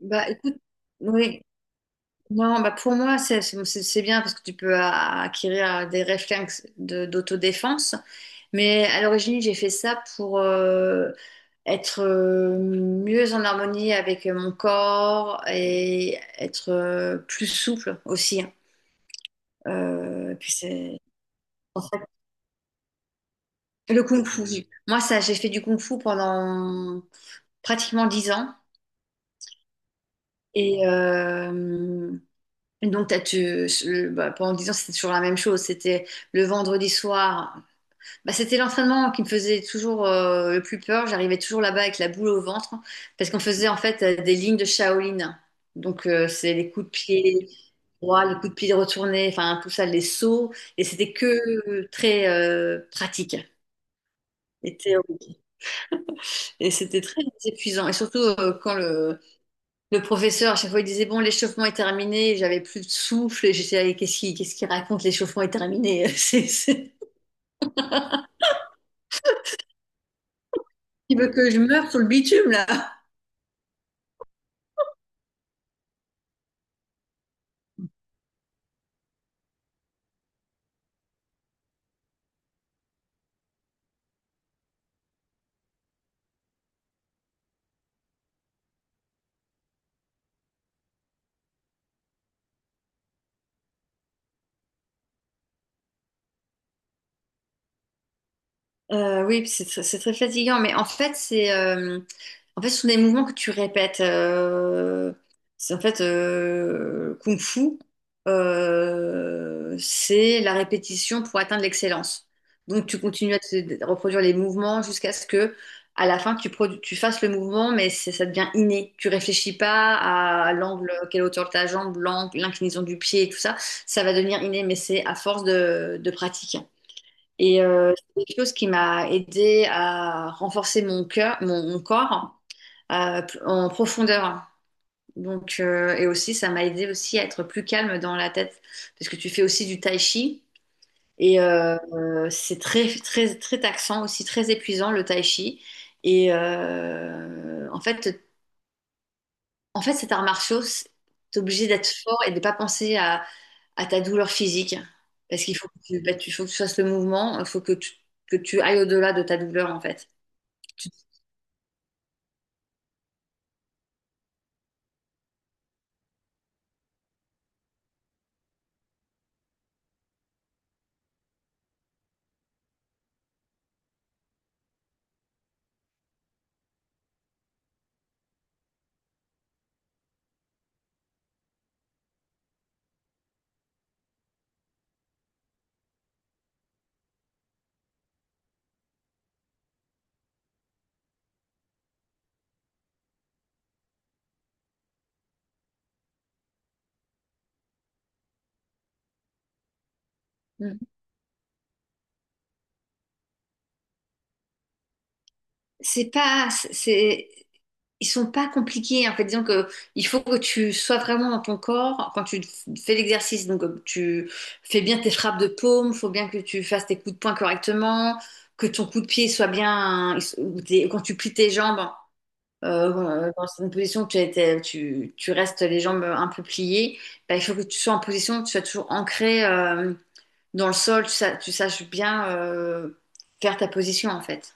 Bah écoute, oui, non, bah pour moi c'est bien parce que tu peux acquérir des réflexes d'autodéfense. Mais à l'origine, j'ai fait ça pour être mieux en harmonie avec mon corps et être plus souple aussi, hein. Puis c'est en fait le kung-fu. Moi, ça, j'ai fait du kung-fu pendant pratiquement 10 ans. et euh, Donc, bah, pendant 10 ans, c'était toujours la même chose. C'était le vendredi soir. Bah, c'était l'entraînement qui me faisait toujours le plus peur. J'arrivais toujours là-bas avec la boule au ventre parce qu'on faisait en fait des lignes de Shaolin. Donc, c'est les coups de pied droits, les coups de pied retournés, enfin tout ça, les sauts. Et c'était que très pratique et théorique. Et c'était très épuisant. Et surtout quand le professeur, à chaque fois, il disait, bon, l'échauffement est terminé, j'avais plus de souffle, et j'étais, allez, qu'est-ce qu'il raconte, l'échauffement est terminé? Il veut que je meure sur le bitume, là. Oui, puis c'est très fatigant, mais en fait, ce sont des mouvements que tu répètes. C'est en fait Kung Fu, c'est la répétition pour atteindre l'excellence. Donc, tu continues à reproduire les mouvements jusqu'à ce que, à la fin, tu fasses le mouvement, ça devient inné. Tu réfléchis pas à l'angle, quelle hauteur de ta jambe, l'angle, l'inclinaison du pied et tout ça. Ça va devenir inné, mais c'est à force de pratique. Et c'est quelque chose qui m'a aidé à renforcer mon cœur, mon corps en profondeur. Donc, et aussi, ça m'a aidé aussi à être plus calme dans la tête, parce que tu fais aussi du tai chi. Et c'est très, très, très taxant, aussi très épuisant, le tai chi. Et en fait, cet art martiaux, t'es obligé d'être fort et de pas penser à, ta douleur physique. Parce qu'il faut que faut que tu fasses le mouvement, il faut que tu ailles au-delà de ta douleur, en fait. Tu- Mm. C'est pas, c'est, Ils sont pas compliqués, en fait. Disons que il faut que tu sois vraiment dans ton corps quand tu fais l'exercice. Donc, tu fais bien tes frappes de paume, faut bien que tu fasses tes coups de poing correctement, que ton coup de pied soit bien, quand tu plies tes jambes. Bon, dans une position où tu, as été- tu restes les jambes un peu pliées, bah, il faut que tu sois en position où tu sois toujours ancré dans le sol, tu saches bien faire ta position en fait.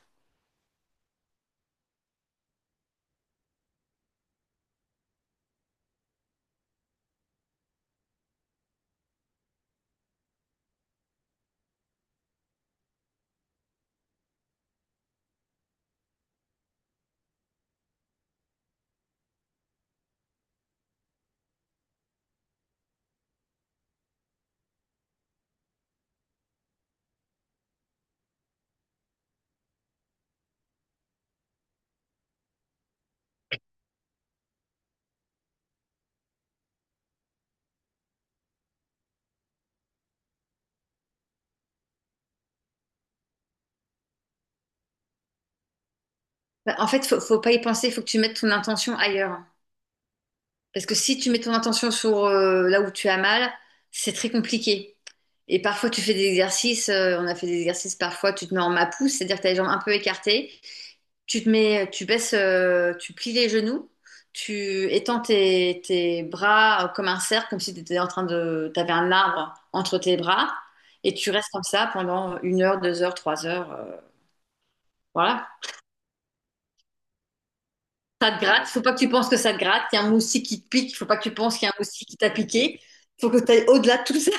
Bah, en fait, faut pas y penser, il faut que tu mettes ton intention ailleurs. Parce que si tu mets ton intention sur là où tu as mal, c'est très compliqué. Et parfois, tu fais des exercices, on a fait des exercices, parfois tu te mets en mapou, c'est-à-dire que tu as les jambes un peu écartées. Tu te mets, tu baisses, tu plies les genoux, tu étends tes bras comme un cercle, comme si tu étais t'avais un arbre entre tes bras, et tu restes comme ça pendant 1 heure, 2 heures, 3 heures, voilà. Ça te gratte, faut pas que tu penses que ça te gratte, il y a un moustique qui te pique, faut pas que tu penses qu'il y a un moustique qui t'a piqué, faut que tu ailles au-delà de tout ça.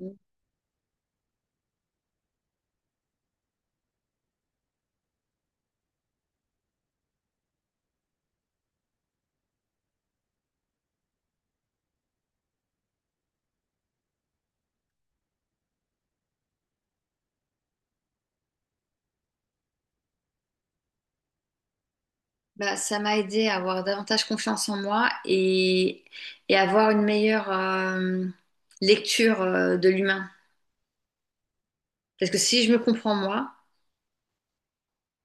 Bah, ça m'a aidé à avoir davantage confiance en moi et, avoir une meilleure lecture de l'humain. Parce que si je me comprends moi,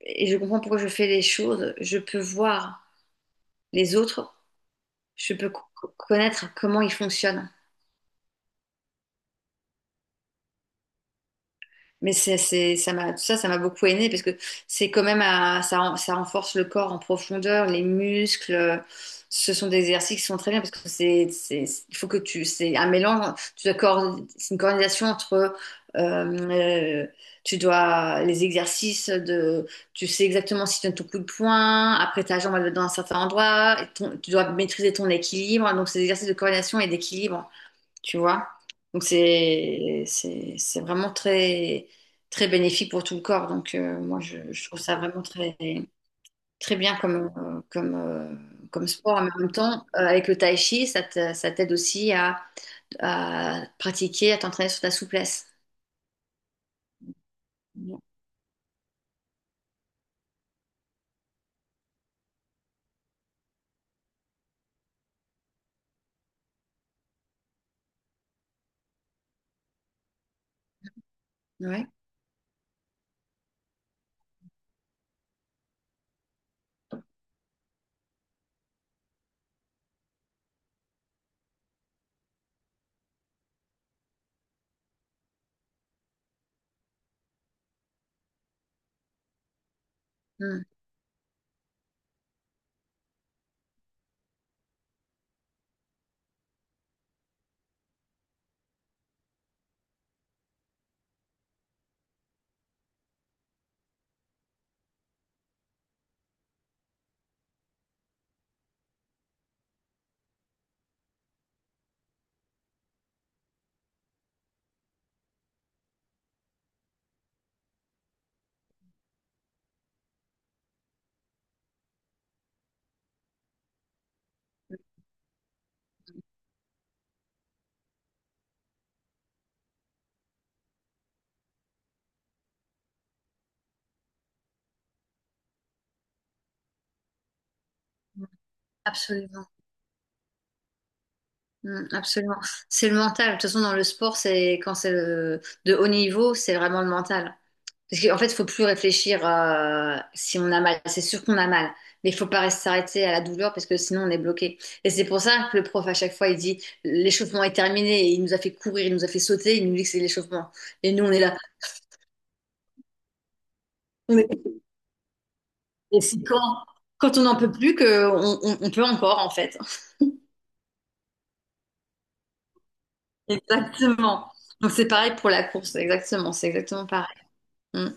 et je comprends pourquoi je fais les choses. Je peux voir les autres, je peux connaître comment ils fonctionnent. Mais ça m'a, tout ça, ça m'a beaucoup aidé parce que c'est quand même, ça renforce le corps en profondeur, les muscles. Ce sont des exercices qui sont très bien parce que c'est, il faut que tu, c'est un mélange. Tu dois c'est une coordination entre, euh, euh, tu dois les exercices de, tu sais exactement si tu donnes ton coup de poing. Après ta jambe elle va dans un certain endroit. Tu dois maîtriser ton équilibre. Donc ces exercices de coordination et d'équilibre, tu vois. Donc c'est vraiment très très bénéfique pour tout le corps. Donc moi je trouve ça vraiment très très bien comme sport. Mais en même temps, avec le tai chi, ça t'aide aussi à pratiquer, à t'entraîner sur ta souplesse. Ouais. Ouais. Mm. Absolument. Mm, absolument. C'est le mental. De toute façon, dans le sport, c'est quand c'est de haut niveau, c'est vraiment le mental. Parce qu'en fait, il faut plus réfléchir si on a mal. C'est sûr qu'on a mal. Mais il faut pas rester s'arrêter à la douleur parce que sinon on est bloqué. Et c'est pour ça que le prof, à chaque fois, il dit l'échauffement est terminé. Et il nous a fait courir, il nous a fait sauter, il nous dit que c'est l'échauffement. Et nous, on est là. On est- Et c'est quand on n'en peut plus que on peut encore, en fait. Exactement. Donc c'est pareil pour la course. Exactement. C'est exactement pareil. Mm.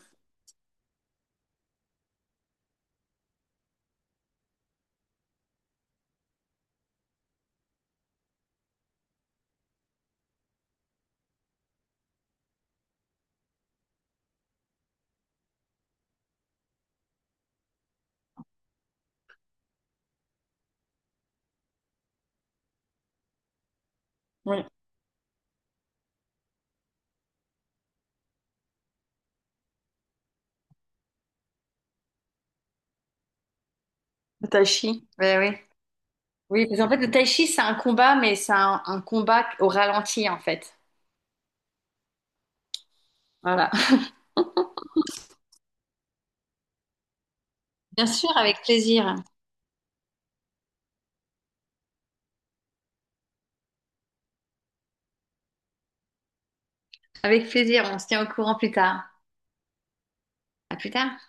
Oui. Le tai chi. Oui, oui. Oui, parce qu'en fait, le tai chi, c'est un combat, mais c'est un combat au ralenti, en fait. Voilà. Bien sûr, avec plaisir. Avec plaisir, on se tient au courant plus tard. À plus tard.